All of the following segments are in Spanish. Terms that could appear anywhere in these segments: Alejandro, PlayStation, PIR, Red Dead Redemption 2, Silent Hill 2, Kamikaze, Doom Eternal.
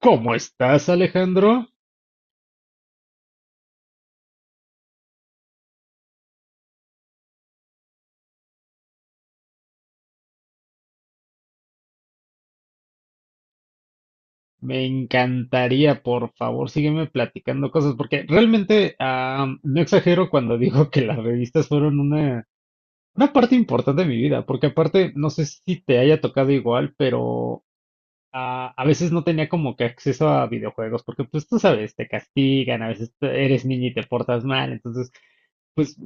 ¿Cómo estás, Alejandro? Me encantaría, por favor, sígueme platicando cosas, porque realmente no exagero cuando digo que las revistas fueron una parte importante de mi vida, porque aparte, no sé si te haya tocado igual, pero a veces no tenía como que acceso a videojuegos, porque pues tú sabes, te castigan, a veces eres niño y te portas mal, entonces pues,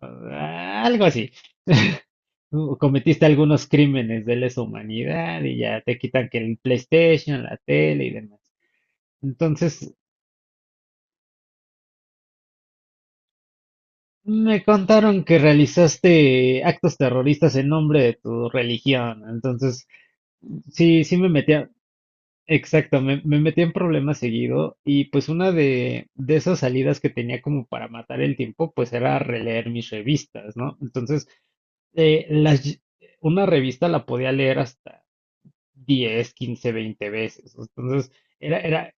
Algo así. Cometiste algunos crímenes de lesa humanidad y ya te quitan que el PlayStation, la tele y demás. Entonces, me contaron que realizaste actos terroristas en nombre de tu religión. Entonces, sí, sí me metía, exacto, me metía en problemas seguido y pues una de esas salidas que tenía como para matar el tiempo, pues era releer mis revistas, ¿no? Entonces, eh, las, ll- una revista la podía leer hasta 10 15 20 veces. Entonces, era, era,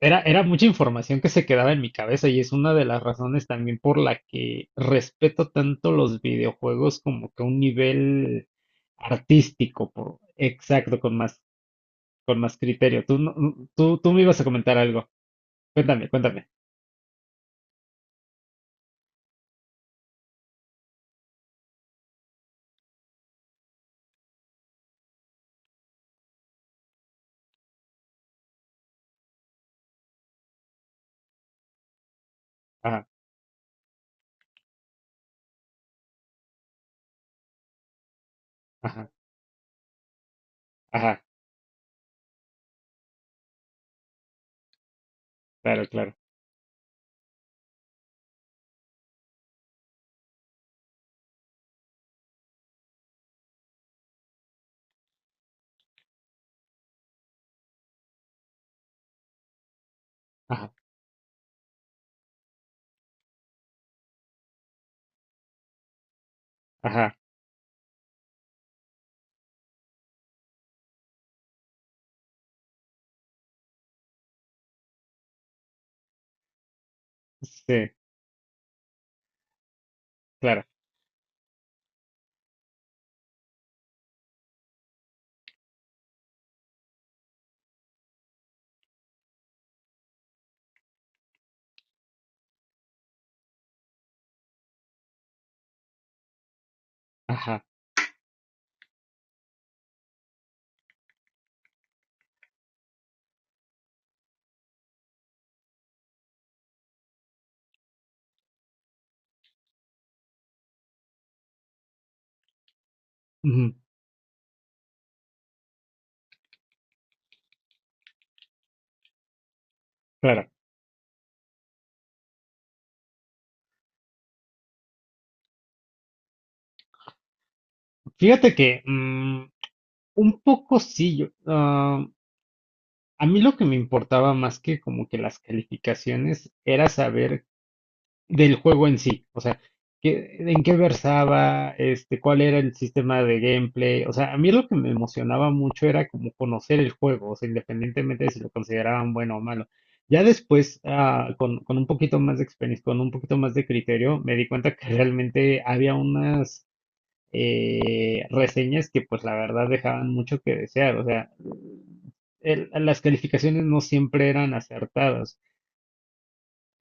era mucha información que se quedaba en mi cabeza y es una de las razones también por la que respeto tanto los videojuegos como que a un nivel artístico, por, exacto, con más criterio. Tú, no- no- tú me ibas a comentar algo. Cuéntame, cuéntame. Ajá, ajá, ajá, claro, claro. Ajá, ajá, sí, claro, ajá, ujú, claro. Fíjate que un poco sí, yo, a mí lo que me importaba más que como que las calificaciones era saber del juego en sí, o sea, en qué versaba, este, cuál era el sistema de gameplay, o sea, a mí lo que me emocionaba mucho era como conocer el juego, o sea, independientemente de si lo consideraban bueno o malo. Ya después, con un poquito más de experiencia, con un poquito más de criterio, me di cuenta que realmente había unas reseñas que pues la verdad dejaban mucho que desear, o sea, las calificaciones no siempre eran acertadas.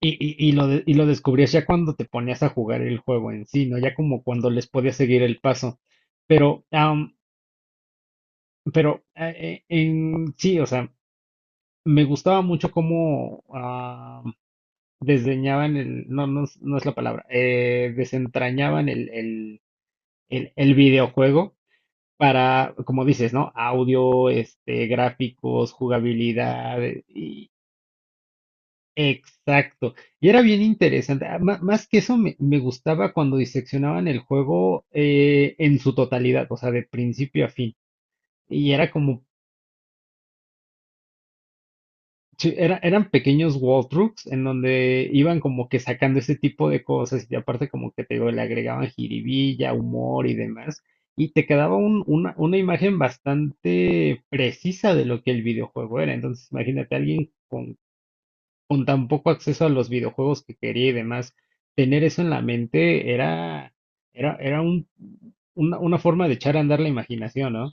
Y, y lo y lo descubrías ya cuando te ponías a jugar el juego en sí, ¿no? Ya como cuando les podías seguir el paso. Pero, pero en sí, o sea, me gustaba mucho cómo desdeñaban el, no, no, es no es la palabra, desentrañaban el videojuego para, como dices, ¿no? Audio, este, gráficos, jugabilidad, exacto. Y era bien interesante. Más que eso, me gustaba cuando diseccionaban el juego en su totalidad, o sea, de principio a fin. Y era como sí, eran pequeños walkthroughs en donde iban como que sacando ese tipo de cosas y aparte como que te digo, le agregaban jiribilla, humor y demás. Y te quedaba una imagen bastante precisa de lo que el videojuego era. Entonces imagínate alguien con tan poco acceso a los videojuegos que quería y demás, tener eso en la mente era una forma de echar a andar la imaginación, ¿no?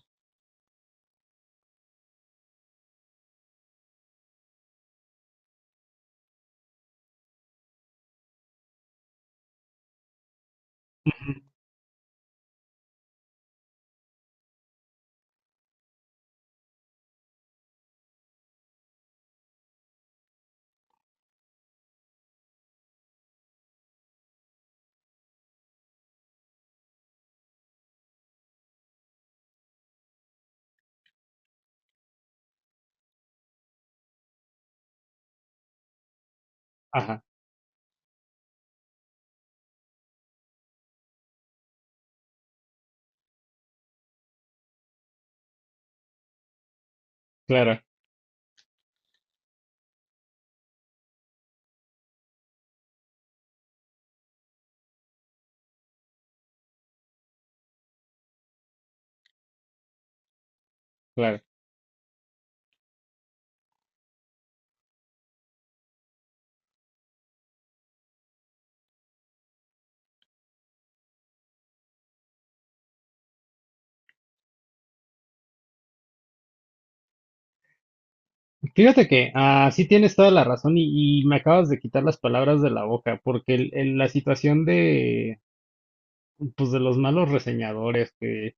Ajá, claro, claro. Fíjate que así tienes toda la razón y me acabas de quitar las palabras de la boca, porque la situación de, pues, de los malos reseñadores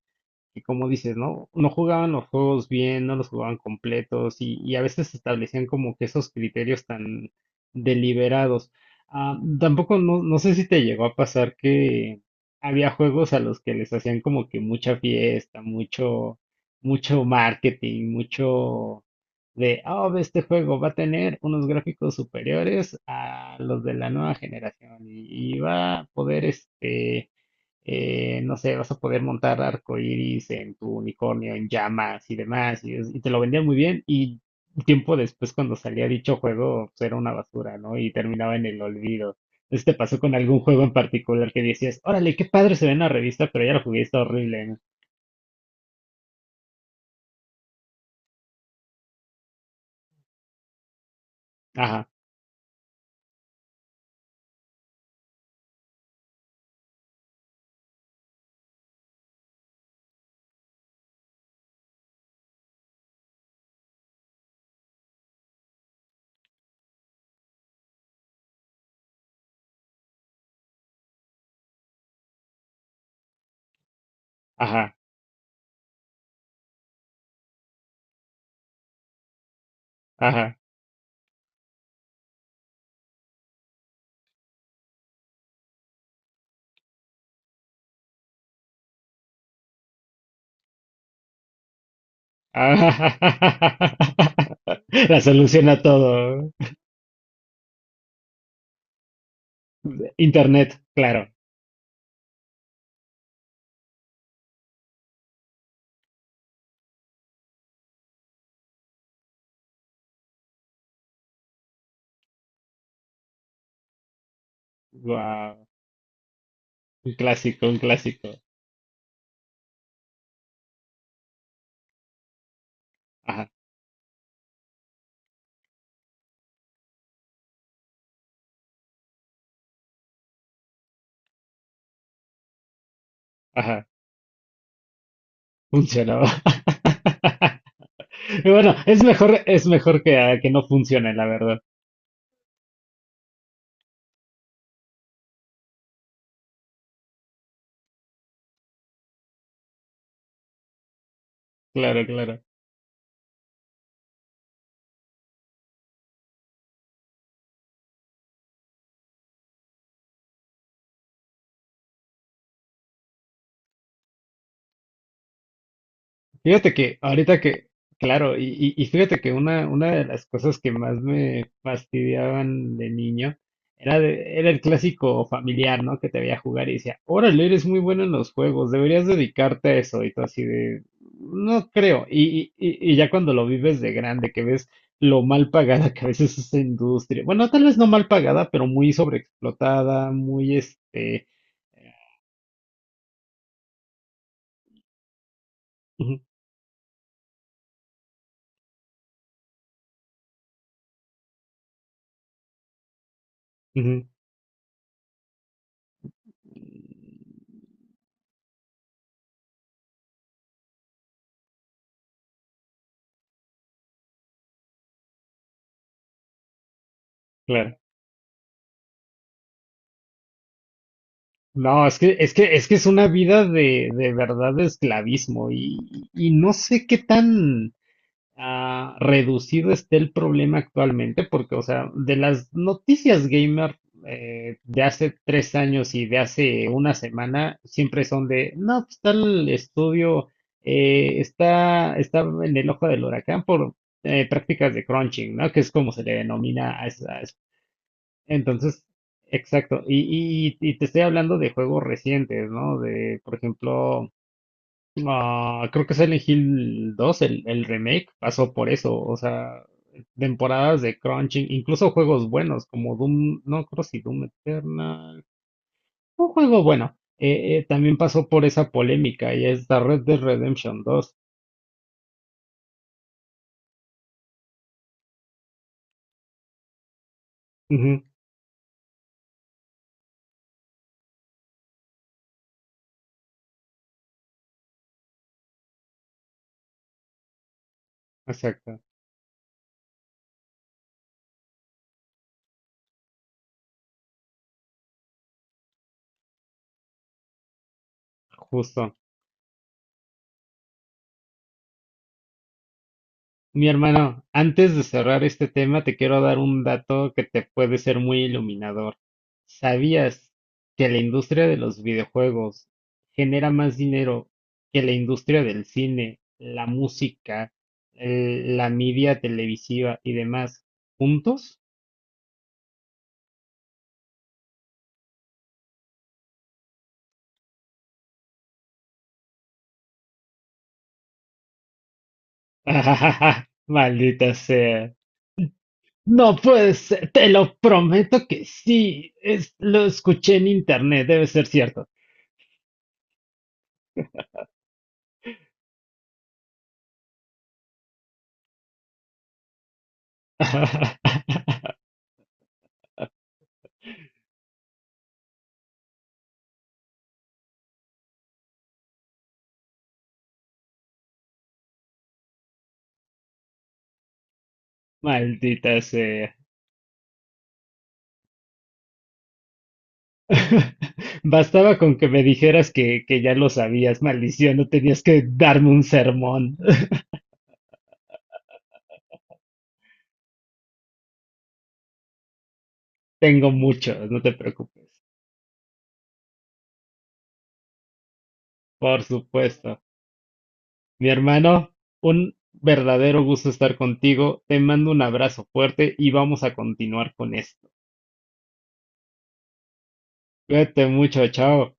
que como dices, ¿no? No jugaban los juegos bien, no los jugaban completos y a veces establecían como que esos criterios tan deliberados. Tampoco no, no sé si te llegó a pasar que había juegos a los que les hacían como que mucha fiesta, mucho, mucho marketing, mucho de, oh, ve, este juego va a tener unos gráficos superiores a los de la nueva generación y va a poder este no sé, vas a poder montar arcoiris en tu unicornio, en llamas y demás, y, y te lo vendían muy bien, y tiempo después cuando salía dicho juego, pues era una basura, ¿no? Y terminaba en el olvido. Entonces te pasó con algún juego en particular que decías, órale, qué padre se ve en la revista, pero ya lo jugué, y está horrible, ¿no? Ajá, ajá, ajá. Ajá. La solución a todo. Internet, claro. Wow, un clásico, un clásico. Ajá, ajá, funcionaba. Bueno, es mejor que, que no funcione, la verdad. Claro, claro. Fíjate que ahorita que, claro, y fíjate que una de las cosas que más me fastidiaban de niño era, era el clásico familiar, ¿no? Que te veía jugar y decía, órale, eres muy bueno en los juegos, deberías dedicarte a eso. Y tú así de, no creo. Y ya cuando lo vives de grande, que ves lo mal pagada que a veces es esa industria. Bueno, tal vez no mal pagada, pero muy sobreexplotada, muy este. Ujú. Claro. No, es que, es que, es que es una vida de verdad de esclavismo y no sé qué tan reducido esté el problema actualmente, porque, o sea, de las noticias gamer de hace 3 años y de hace una semana, siempre son de, no, pues tal estudio está en el ojo del huracán por prácticas de crunching, ¿no? Que es como se le denomina a esa, entonces, exacto. Y, y te estoy hablando de juegos recientes, ¿no? De, por ejemplo, creo que Silent Hill 2, el remake, pasó por eso. O sea, temporadas de crunching, incluso juegos buenos como Doom, no creo si Doom Eternal, un juego bueno, también pasó por esa polémica y es la Red Dead Redemption 2. Ujú, exacto, justo. Mi hermano, antes de cerrar este tema, te quiero dar un dato que te puede ser muy iluminador. ¿Sabías que la industria de los videojuegos genera más dinero que la industria del cine, la música, la media televisiva y demás juntos? Maldita sea. No puede ser, te lo prometo que sí. Es, lo escuché en internet, debe ser cierto. Maldita sea. Bastaba con que me dijeras que ya lo sabías, maldición, no tenías que darme un sermón. Tengo muchos, no te preocupes. Por supuesto. Mi hermano, un verdadero gusto estar contigo. Te mando un abrazo fuerte y vamos a continuar con esto. Cuídate mucho, chao.